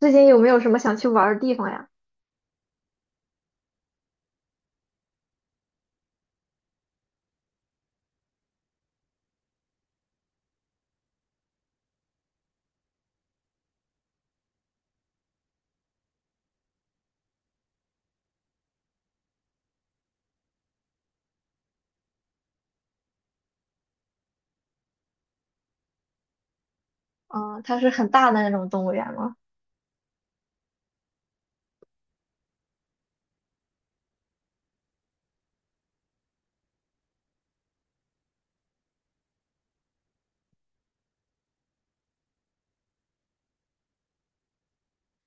最近有没有什么想去玩儿的地方呀？啊，它是很大的那种动物园吗？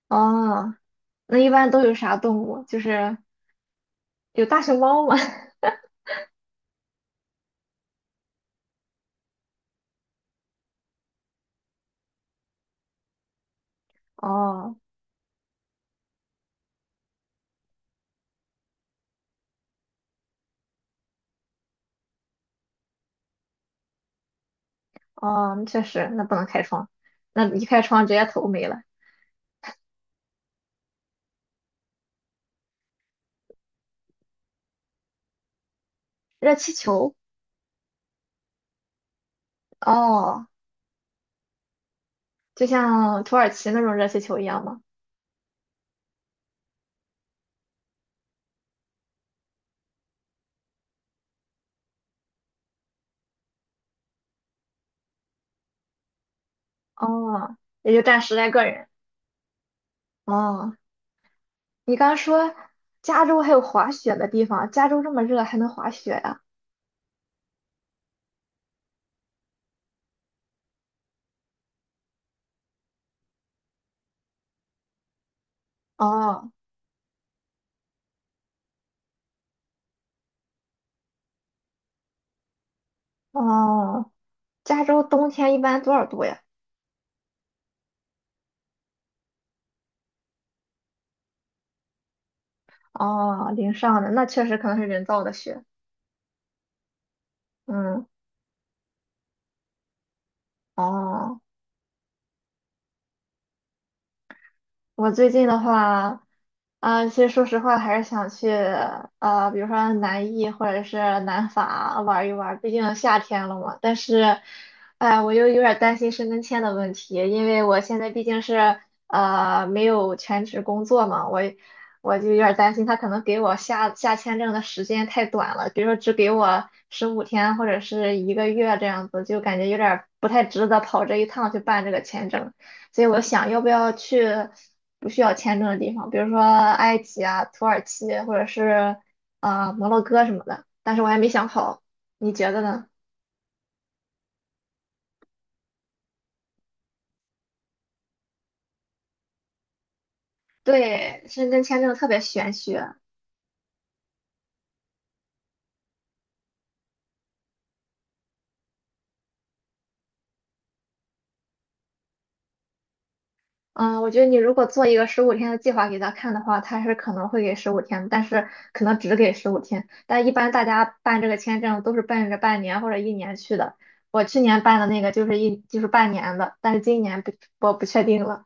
哦，那一般都有啥动物？就是有大熊猫吗？哦哦，确实，那不能开窗，那一开窗直接头没了。热气球，哦，就像土耳其那种热气球一样吗？哦，也就站十来个人。哦，你刚刚说加州还有滑雪的地方，加州这么热还能滑雪呀？哦哦，加州冬天一般多少度呀？哦，淋上的那确实可能是人造的雪。嗯，哦。我最近的话，啊、其实说实话，还是想去比如说南艺或者是南法玩一玩，毕竟夏天了嘛。但是，哎，我又有点担心申根签的问题，因为我现在毕竟是没有全职工作嘛，我就有点担心他可能给我下签证的时间太短了，比如说只给我十五天或者是一个月这样子，就感觉有点不太值得跑这一趟去办这个签证。所以我想要不要去不需要签证的地方，比如说埃及啊、土耳其或者是摩洛哥什么的，但是我还没想好，你觉得呢？对，申根签证特别玄学。嗯，我觉得你如果做一个十五天的计划给他看的话，他是可能会给十五天，但是可能只给十五天。但一般大家办这个签证都是奔着半年或者一年去的。我去年办的那个就是半年的，但是今年不我不确定了。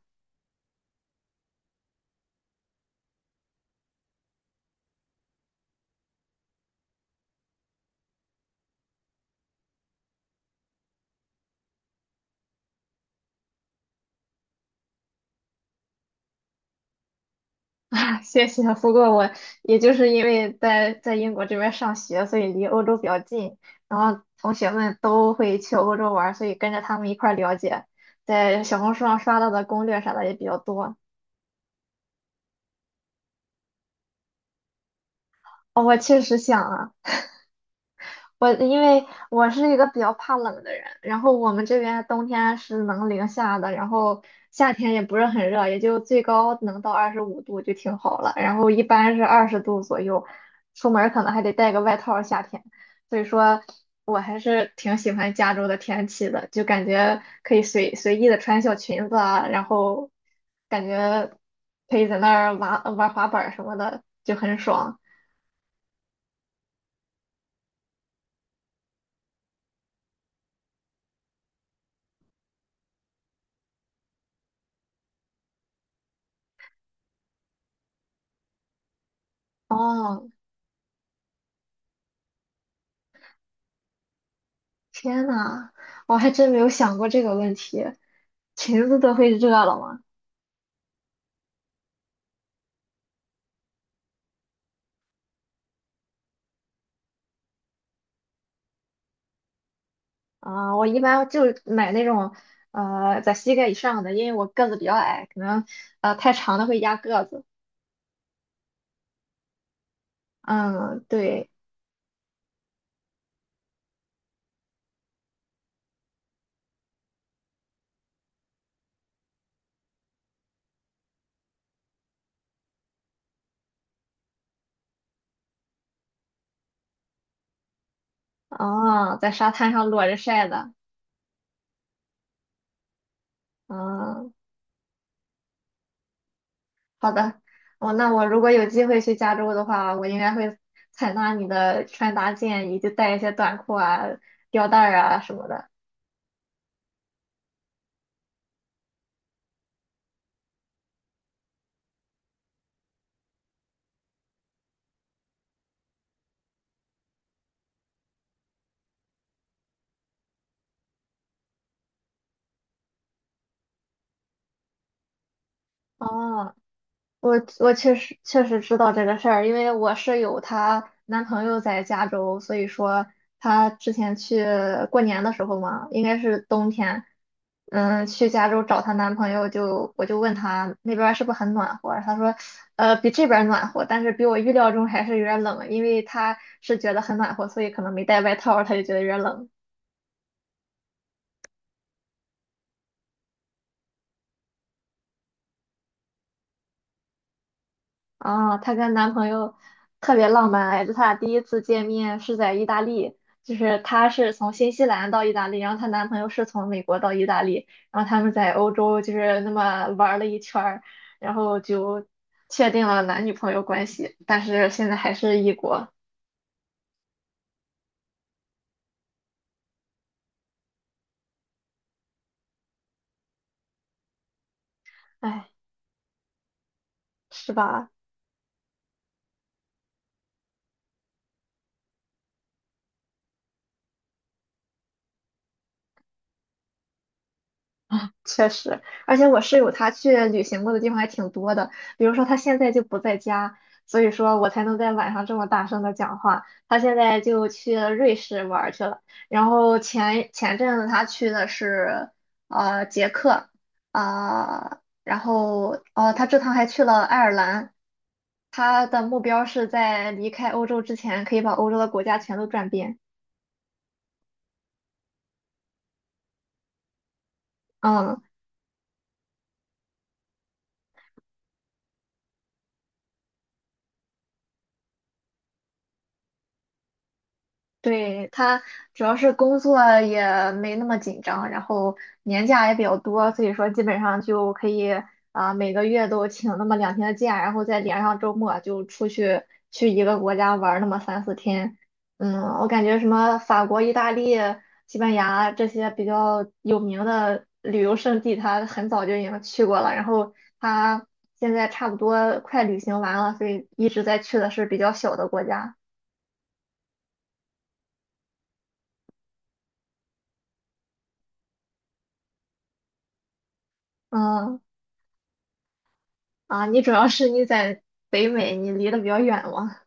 啊，谢谢。不过我也就是因为在英国这边上学，所以离欧洲比较近，然后同学们都会去欧洲玩儿所以跟着他们一块儿了解，在小红书上刷到的攻略啥的也比较多。我因为我是一个比较怕冷的人，然后我们这边冬天是能零下的，然后夏天也不是很热，也就最高能到25度就挺好了，然后一般是20度左右，出门儿可能还得带个外套儿夏天，所以说我还是挺喜欢加州的天气的，就感觉可以随意的穿小裙子啊，然后感觉可以在那儿玩玩滑板儿什么的，就很爽。哦，天呐，我还真没有想过这个问题。裙子都会热了吗？啊、我一般就买那种在膝盖以上的，因为我个子比较矮，可能太长的会压个子。嗯，对，啊，在沙滩上裸着晒的。嗯，好的。哦，那我如果有机会去加州的话，我应该会采纳你的穿搭建议，就带一些短裤啊、吊带儿啊什么的。哦，我我确实知道这个事儿，因为我室友她男朋友在加州，所以说她之前去过年的时候嘛，应该是冬天，嗯，去加州找她男朋友就，我就问她那边儿是不是很暖和，她说，比这边儿暖和，但是比我预料中还是有点儿冷，因为她是觉得很暖和，所以可能没带外套儿她就觉得有点儿冷。啊，她跟男朋友特别浪漫，哎，就她俩第一次见面是在意大利，就是她是从新西兰到意大利，然后她男朋友是从美国到意大利，然后他们在欧洲就是那么玩了一圈儿，然后就确定了男女朋友关系，但是现在还是异国，哎，是吧？确实，而且我室友他去旅行过的地方还挺多的，比如说他现在就不在家，所以说我才能在晚上这么大声的讲话。他现在就去了瑞士玩儿去了，然后前阵子他去的是捷克，啊、然后他这趟还去了爱尔兰，他的目标是在离开欧洲之前可以把欧洲的国家全都转遍。嗯，对，他主要是工作也没那么紧张，然后年假也比较多，所以说基本上就可以啊、每个月都请那么2天的假，然后再连上周末就出去去一个国家玩儿那么三四天。嗯，我感觉什么法国、意大利、西班牙这些比较有名的旅游胜地，他很早就已经去过了，然后他现在差不多快旅行完了，所以一直在去的是比较小的国家。嗯。啊，你主要是你在北美，你离得比较远吗？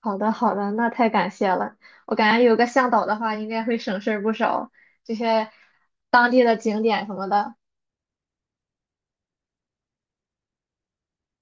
好的，好的，那太感谢了。我感觉有个向导的话，应该会省事儿不少，这些当地的景点什么的。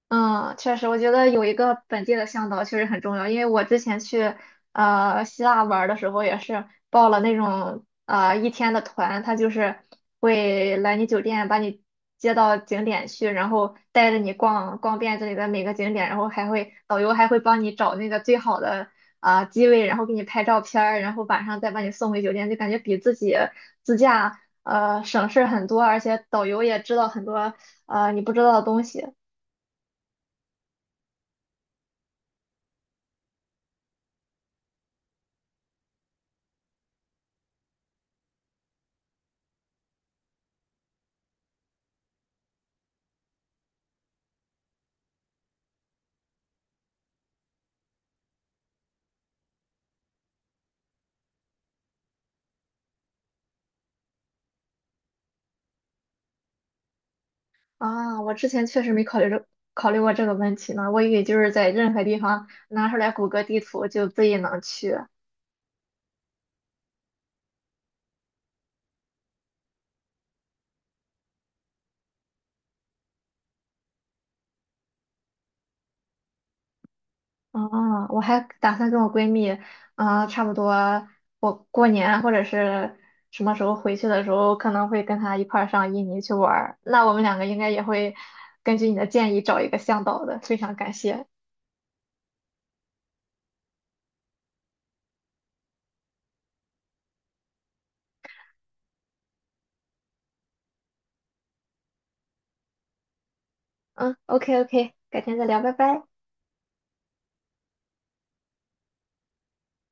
嗯，确实，我觉得有一个本地的向导确实很重要，因为我之前去希腊玩儿的时候也是报了那种一天的团，他就是会来你酒店把你接到景点去，然后带着你逛遍这里的每个景点，然后导游还会帮你找那个最好的啊、机位，然后给你拍照片儿，然后晚上再把你送回酒店，就感觉比自己自驾省事儿很多，而且导游也知道很多你不知道的东西。啊，我之前确实没考虑考虑过这个问题呢，我以为就是在任何地方拿出来谷歌地图就自己能去。啊，我还打算跟我闺蜜，啊，差不多我过年或者是什么时候回去的时候，可能会跟她一块儿上印尼去玩儿。那我们两个应该也会根据你的建议找一个向导的，非常感谢。嗯，OK OK，改天再聊，拜拜。